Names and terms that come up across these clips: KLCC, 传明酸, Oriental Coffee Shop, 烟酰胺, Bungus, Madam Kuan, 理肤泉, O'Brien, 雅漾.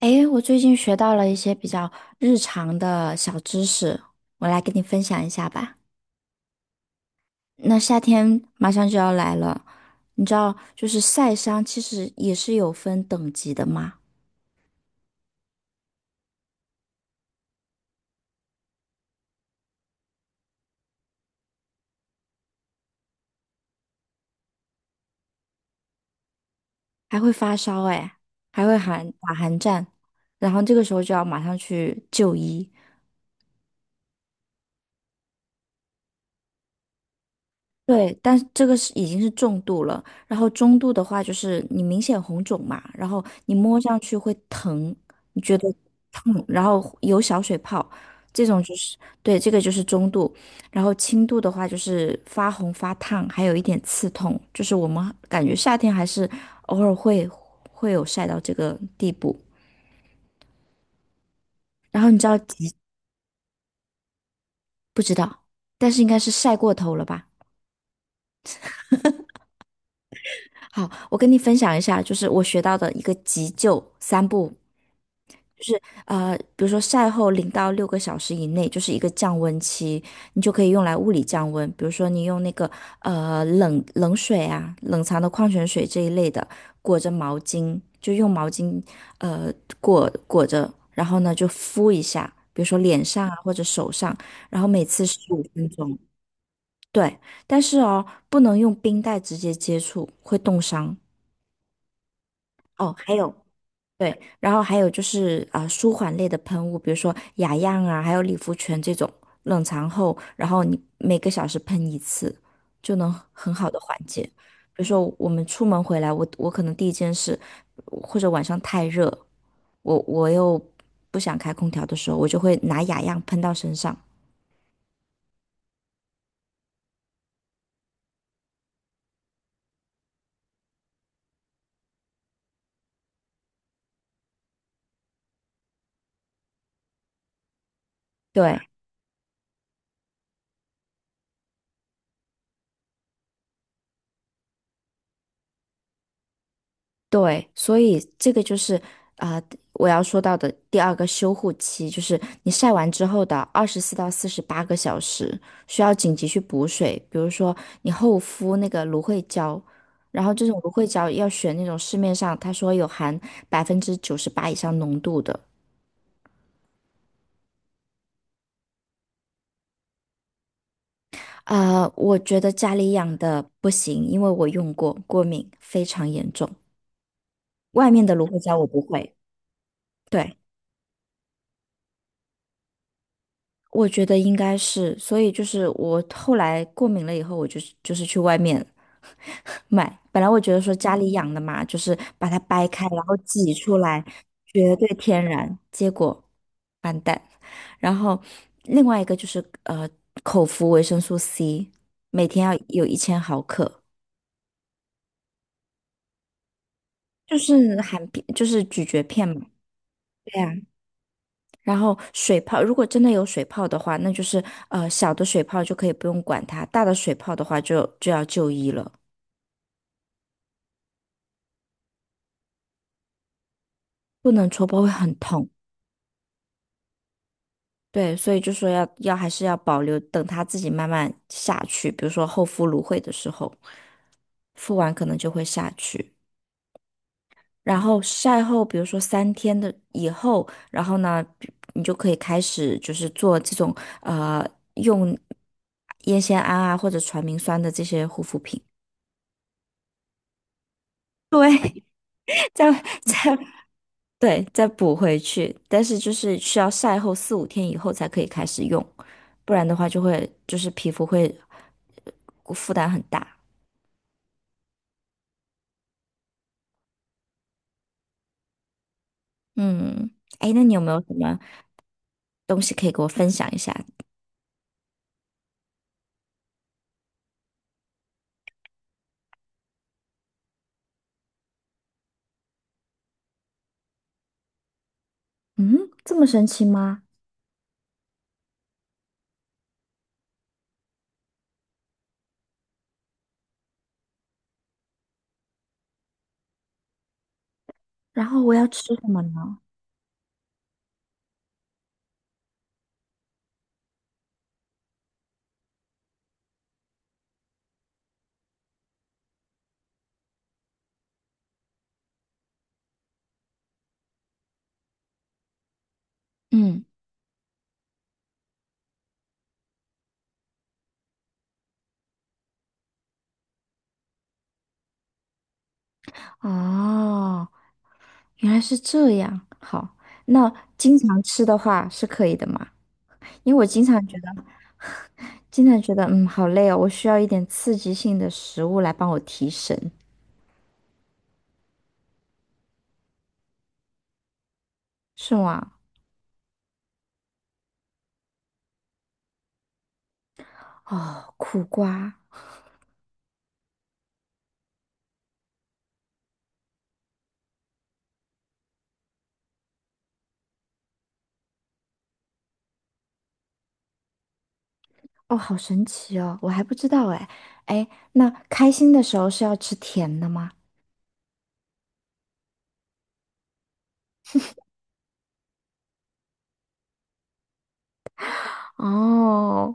诶，我最近学到了一些比较日常的小知识，我来跟你分享一下吧。那夏天马上就要来了，你知道，就是晒伤其实也是有分等级的嘛。还会发烧诶，还会打寒战，然后这个时候就要马上去就医。对，但是这个是已经是重度了。然后中度的话就是你明显红肿嘛，然后你摸上去会疼，你觉得痛，然后有小水泡，这种就是。对，这个就是中度。然后轻度的话就是发红发烫，还有一点刺痛，就是我们感觉夏天还是偶尔会有晒到这个地步。然后你知道急，但是应该是晒过头了吧？好，我跟你分享一下，就是我学到的一个急救三步。比如说晒后0到6个小时以内就是一个降温期，你就可以用来物理降温。比如说你用那个呃冷冷水啊、冷藏的矿泉水这一类的，裹着毛巾，就用毛巾呃裹裹着，然后呢就敷一下，比如说脸上啊或者手上，然后每次15分钟。对，但是哦，不能用冰袋直接接触，会冻伤。哦，还有。对，然后还有就是舒缓类的喷雾，比如说雅漾啊，还有理肤泉这种，冷藏后，然后你每个小时喷一次，就能很好的缓解。比如说我们出门回来，我可能第一件事，或者晚上太热，我又不想开空调的时候，我就会拿雅漾喷到身上。对，对，所以这个就是啊、呃我要说到的第二个修护期，就是你晒完之后的24到48个小时，需要紧急去补水。比如说你厚敷那个芦荟胶，然后这种芦荟胶要选那种市面上他说有含98%以上浓度的。我觉得家里养的不行，因为我用过，过敏非常严重。外面的芦荟胶我不会。对。我觉得应该是，所以就是我后来过敏了以后，我就是去外面买。本来我觉得说家里养的嘛，就是把它掰开，然后挤出来，绝对天然。结果完蛋。然后另外一个就是口服维生素 C，每天要有1000毫克，就是含片，就是咀嚼片嘛。对呀，然后水泡，如果真的有水泡的话，那就是小的水泡就可以不用管它，大的水泡的话就要就医了。不能戳破会很痛。对，所以就说要还是要保留，等它自己慢慢下去，比如说厚敷芦荟的时候，敷完可能就会下去。然后晒后，比如说3天的以后，然后呢，你就可以开始就是做这种呃用烟酰胺啊或者传明酸的这些护肤品，这样这样。对，再补回去，但是就是需要晒后四五天以后才可以开始用，不然的话就会就是皮肤会负担很大。嗯，哎，那你有没有什么东西可以给我分享一下？嗯，这么神奇吗？然后我要吃什么呢？嗯，哦，原来是这样。好，那经常吃的话是可以的嘛？因为我经常觉得，经常觉得，嗯，好累哦，我需要一点刺激性的食物来帮我提神。是吗？哦，苦瓜。哦，好神奇哦，我还不知道哎。哎，那开心的时候是要吃甜的吗？哦，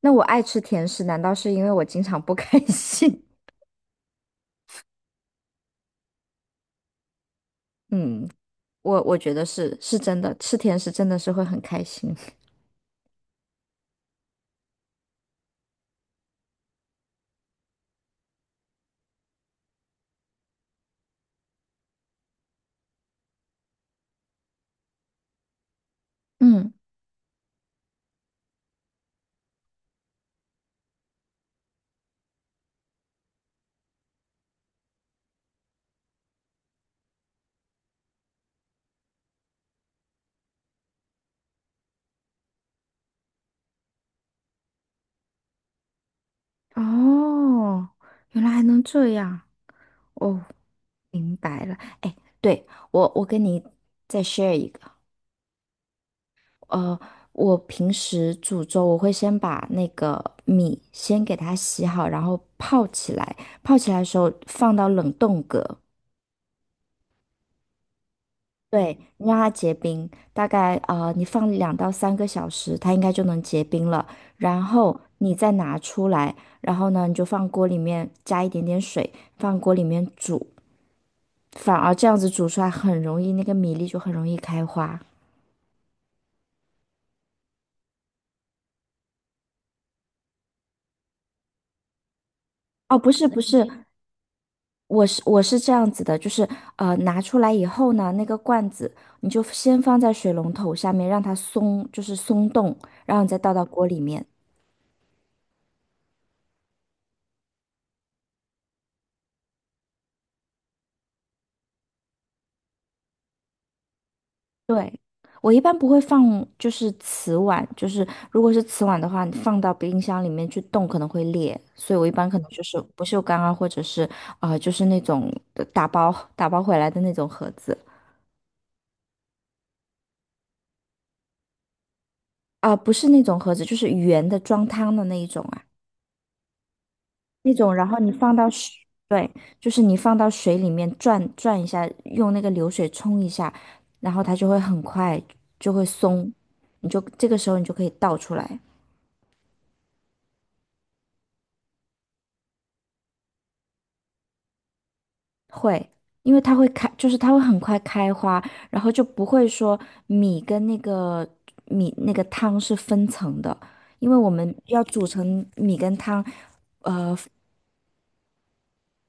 那我爱吃甜食，难道是因为我经常不开心？嗯，我觉得是真的，吃甜食真的是会很开心。嗯，哦，原来还能这样。哦，明白了。哎，对，我跟你再 share 一个。呃，我平时煮粥，我会先把那个米先给它洗好，然后泡起来。泡起来的时候放到冷冻格。对，你让它结冰。大概你放2到3个小时，它应该就能结冰了。然后你再拿出来，然后呢，你就放锅里面加一点点水，放锅里面煮。反而这样子煮出来很容易，那个米粒就很容易开花。哦，不是不是，我是这样子的，就是拿出来以后呢，那个罐子你就先放在水龙头下面，让它松，就是松动，然后你再倒到锅里面。对，我一般不会放，就是瓷碗，就是如果是瓷碗的话，你放到冰箱里面去冻可能会裂，所以我一般可能就是不锈钢啊，或者是就是那种打包回来的那种盒子。不是那种盒子，就是圆的装汤的那一种啊。那种，然后你放到水，对，就是你放到水里面转转一下，用那个流水冲一下，然后它就会很快就会松，你就这个时候你就可以倒出来。会，因为它会开，就是它会很快开花，然后就不会说米跟那个米那个汤是分层的，因为我们要煮成米跟汤，呃。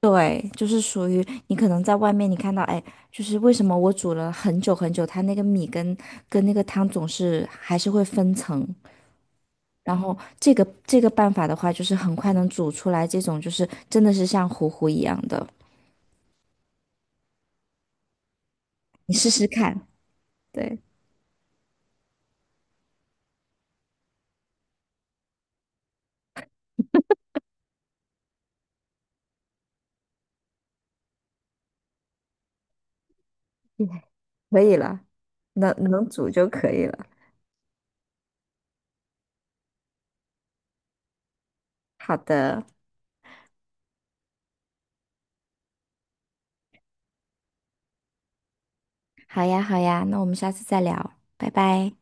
对，就是属于你可能在外面你看到，哎，就是为什么我煮了很久很久，它那个米跟那个汤总是还是会分层。然后这个办法的话，就是很快能煮出来这种，就是真的是像糊糊一样的。你试试看。对，嗯可以了，能煮就可以了。好的，好呀好呀，那我们下次再聊，拜拜。